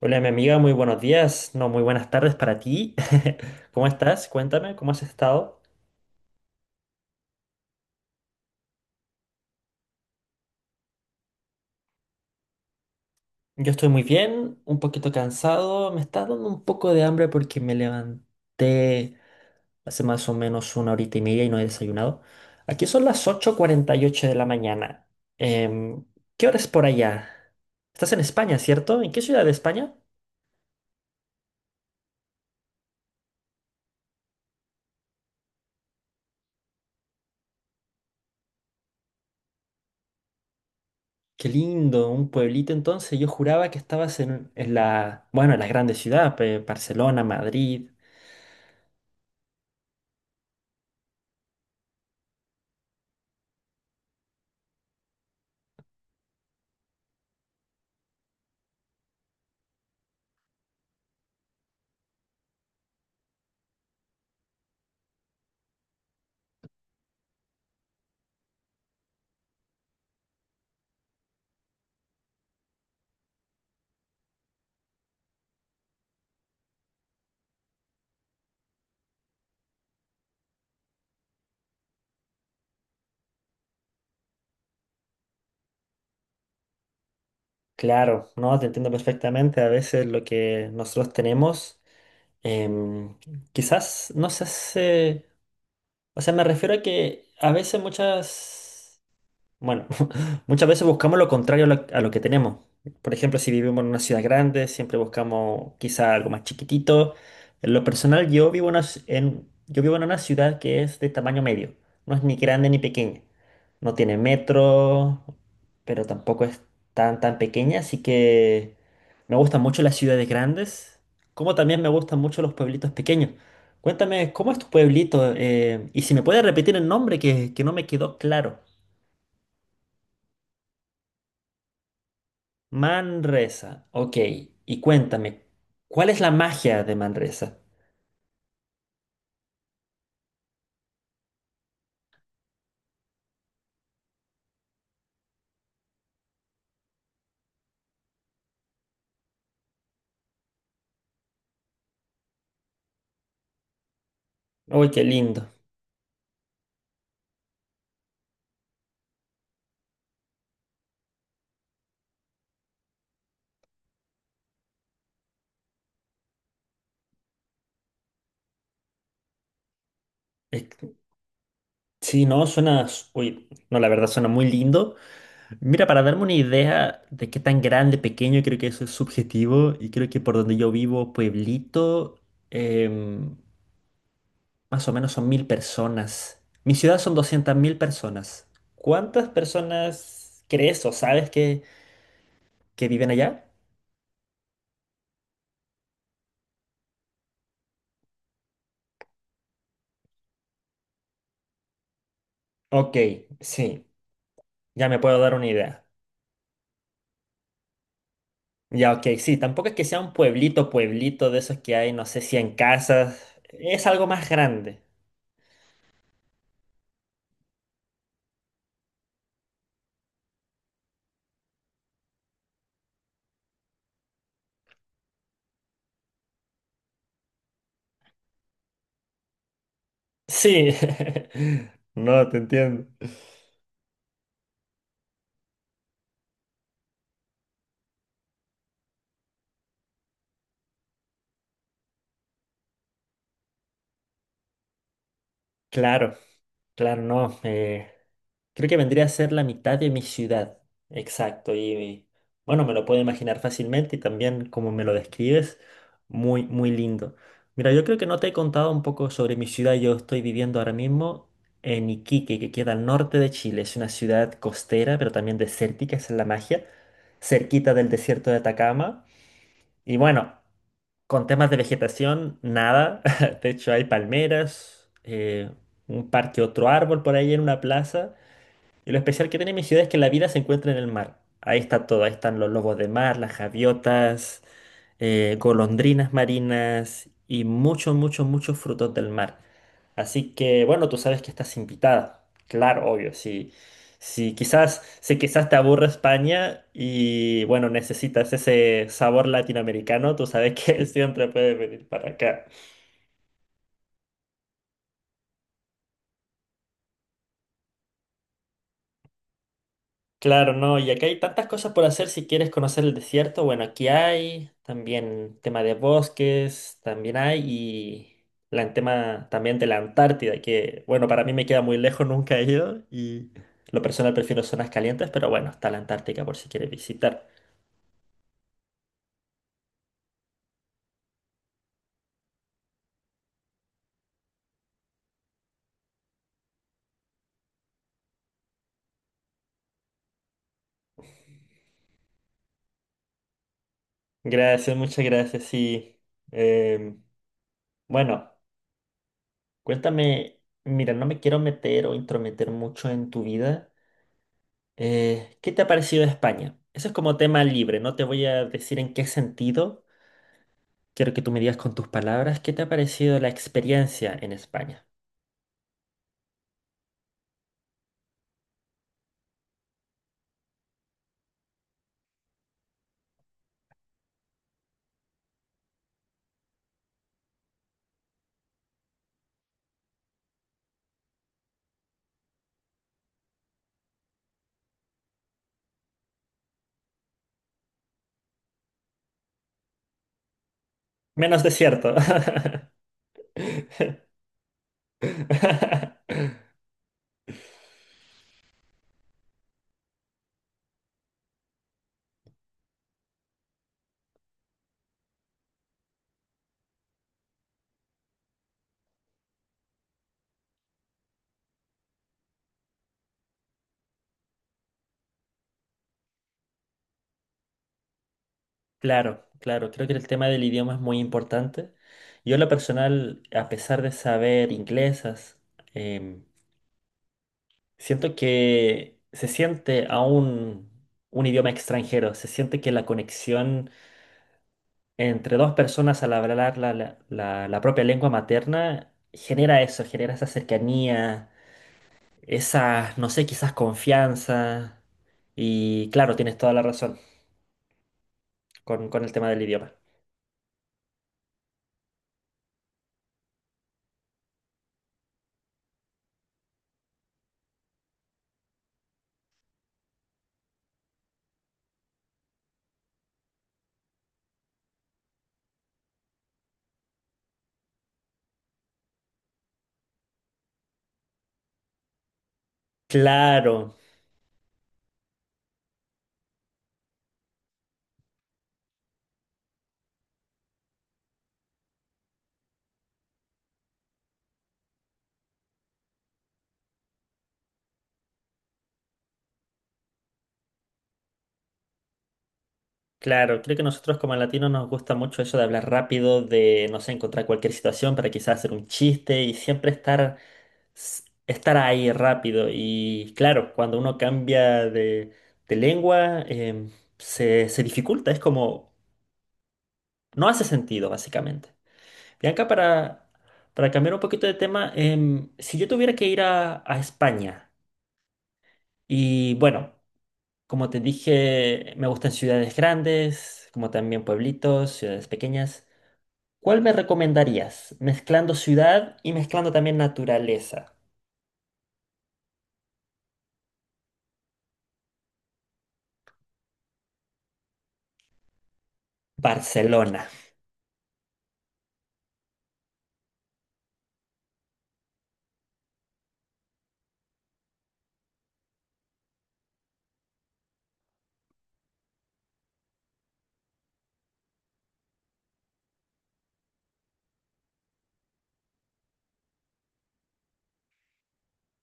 Hola, mi amiga, muy buenos días, no, muy buenas tardes para ti. ¿Cómo estás? Cuéntame, ¿cómo has estado? Yo estoy muy bien, un poquito cansado, me está dando un poco de hambre porque me levanté hace más o menos una horita y media y no he desayunado. Aquí son las 8:48 de la mañana. Em, ¿Qué hora es por allá? Estás en España, ¿cierto? ¿En qué ciudad de España? Qué lindo, un pueblito entonces. Yo juraba que estabas en la, bueno, en la grande ciudad, Barcelona, Madrid. Claro, no, te entiendo perfectamente. A veces lo que nosotros tenemos, em, quizás no se hace, o sea, me refiero a que a veces muchas bueno, muchas veces buscamos lo contrario a lo que tenemos. Por ejemplo, si vivimos en una ciudad grande, siempre buscamos quizá algo más chiquitito. En lo personal, yo vivo en una ciudad que es de tamaño medio. No es ni grande ni pequeña. No tiene metro, pero tampoco es tan pequeña. Así que me gustan mucho las ciudades grandes, como también me gustan mucho los pueblitos pequeños. Cuéntame, ¿cómo es tu pueblito? Y si me puedes repetir el nombre, que no me quedó claro. Manresa, ok. Y cuéntame, ¿cuál es la magia de Manresa? Uy, qué lindo. Es que- Sí, no, suena. Uy, no, la verdad suena muy lindo. Mira, para darme una idea de qué tan grande, pequeño, creo que eso es subjetivo y creo que por donde yo vivo, pueblito, em, más o menos son 1.000 personas. Mi ciudad son 200.000 personas. ¿Cuántas personas crees o sabes que viven allá? Ok, sí, ya me puedo dar una idea. Ya, ok, sí, tampoco es que sea un pueblito, pueblito de esos que hay, no sé, 100 casas. Es algo más grande. Sí. No, te entiendo. Claro, claro, no. Creo que vendría a ser la mitad de mi ciudad. Exacto. Bueno, me lo puedo imaginar fácilmente y también como me lo describes, muy, muy lindo. Mira, yo creo que no te he contado un poco sobre mi ciudad. Yo estoy viviendo ahora mismo en Iquique, que queda al norte de Chile. Es una ciudad costera, pero también desértica, esa es la magia, cerquita del desierto de Atacama. Y bueno, con temas de vegetación, nada. De hecho, hay palmeras, un parque, otro árbol por ahí en una plaza. Y lo especial que tiene mi ciudad es que la vida se encuentra en el mar. Ahí está todo, ahí están los lobos de mar, las javiotas, golondrinas marinas y muchos, muchos, muchos frutos del mar. Así que, bueno, tú sabes que estás invitada. Claro, obvio, sí. Sí, si quizás te aburre España y bueno, necesitas ese sabor latinoamericano, tú sabes que siempre puedes venir para acá. Claro, no, y acá hay tantas cosas por hacer si quieres conocer el desierto. Bueno, aquí hay también tema de bosques, también hay, y la, el tema también de la Antártida, que bueno, para mí me queda muy lejos, nunca he ido, y lo personal prefiero zonas calientes, pero bueno, está la Antártica por si quieres visitar. Gracias, muchas gracias, y bueno, cuéntame, mira, no me quiero meter o intrometer mucho en tu vida. ¿Qué te ha parecido España? Eso es como tema libre, no te voy a decir en qué sentido. Quiero que tú me digas con tus palabras qué te ha parecido la experiencia en España. Menos desierto. Claro, claro, creo que el tema del idioma es muy importante. Yo en lo personal, a pesar de saber inglesas, em, siento que se siente aún un idioma extranjero, se siente que la conexión entre dos personas al hablar la propia lengua materna, genera eso, genera esa cercanía, esa, no sé, quizás confianza. Y claro, tienes toda la razón con el tema del idioma. Claro, claro, creo que nosotros como latinos nos gusta mucho eso de hablar rápido, de, no sé, encontrar cualquier situación para quizás hacer un chiste y siempre estar ahí rápido. Y claro, cuando uno cambia de lengua, se dificulta, es como. No hace sentido, básicamente. Bianca, para cambiar un poquito de tema, si yo tuviera que ir a España, y bueno, como te dije, me gustan ciudades grandes, como también pueblitos, ciudades pequeñas, ¿cuál me recomendarías? Mezclando ciudad y mezclando también naturaleza. Barcelona,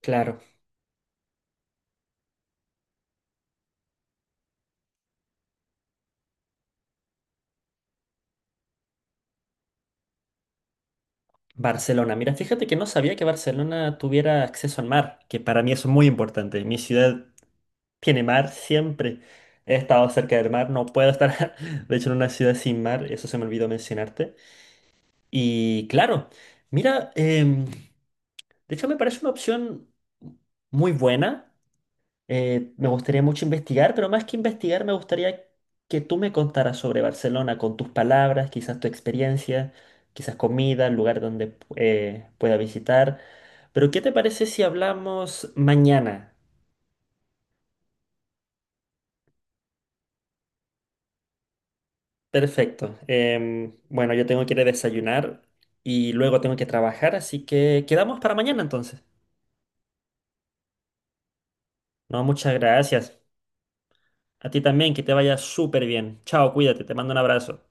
claro. Barcelona, mira, fíjate que no sabía que Barcelona tuviera acceso al mar, que para mí es muy importante. Mi ciudad tiene mar siempre. He estado cerca del mar, no puedo estar, de hecho, en una ciudad sin mar, eso se me olvidó mencionarte. Y claro, mira, de hecho me parece una opción muy buena. Me gustaría mucho investigar, pero más que investigar, me gustaría que tú me contaras sobre Barcelona con tus palabras, quizás tu experiencia, quizás comida, lugar donde pueda visitar. Pero ¿qué te parece si hablamos mañana? Perfecto. Bueno, yo tengo que ir a desayunar y luego tengo que trabajar, así que quedamos para mañana entonces. No, muchas gracias. A ti también, que te vaya súper bien. Chao, cuídate, te mando un abrazo.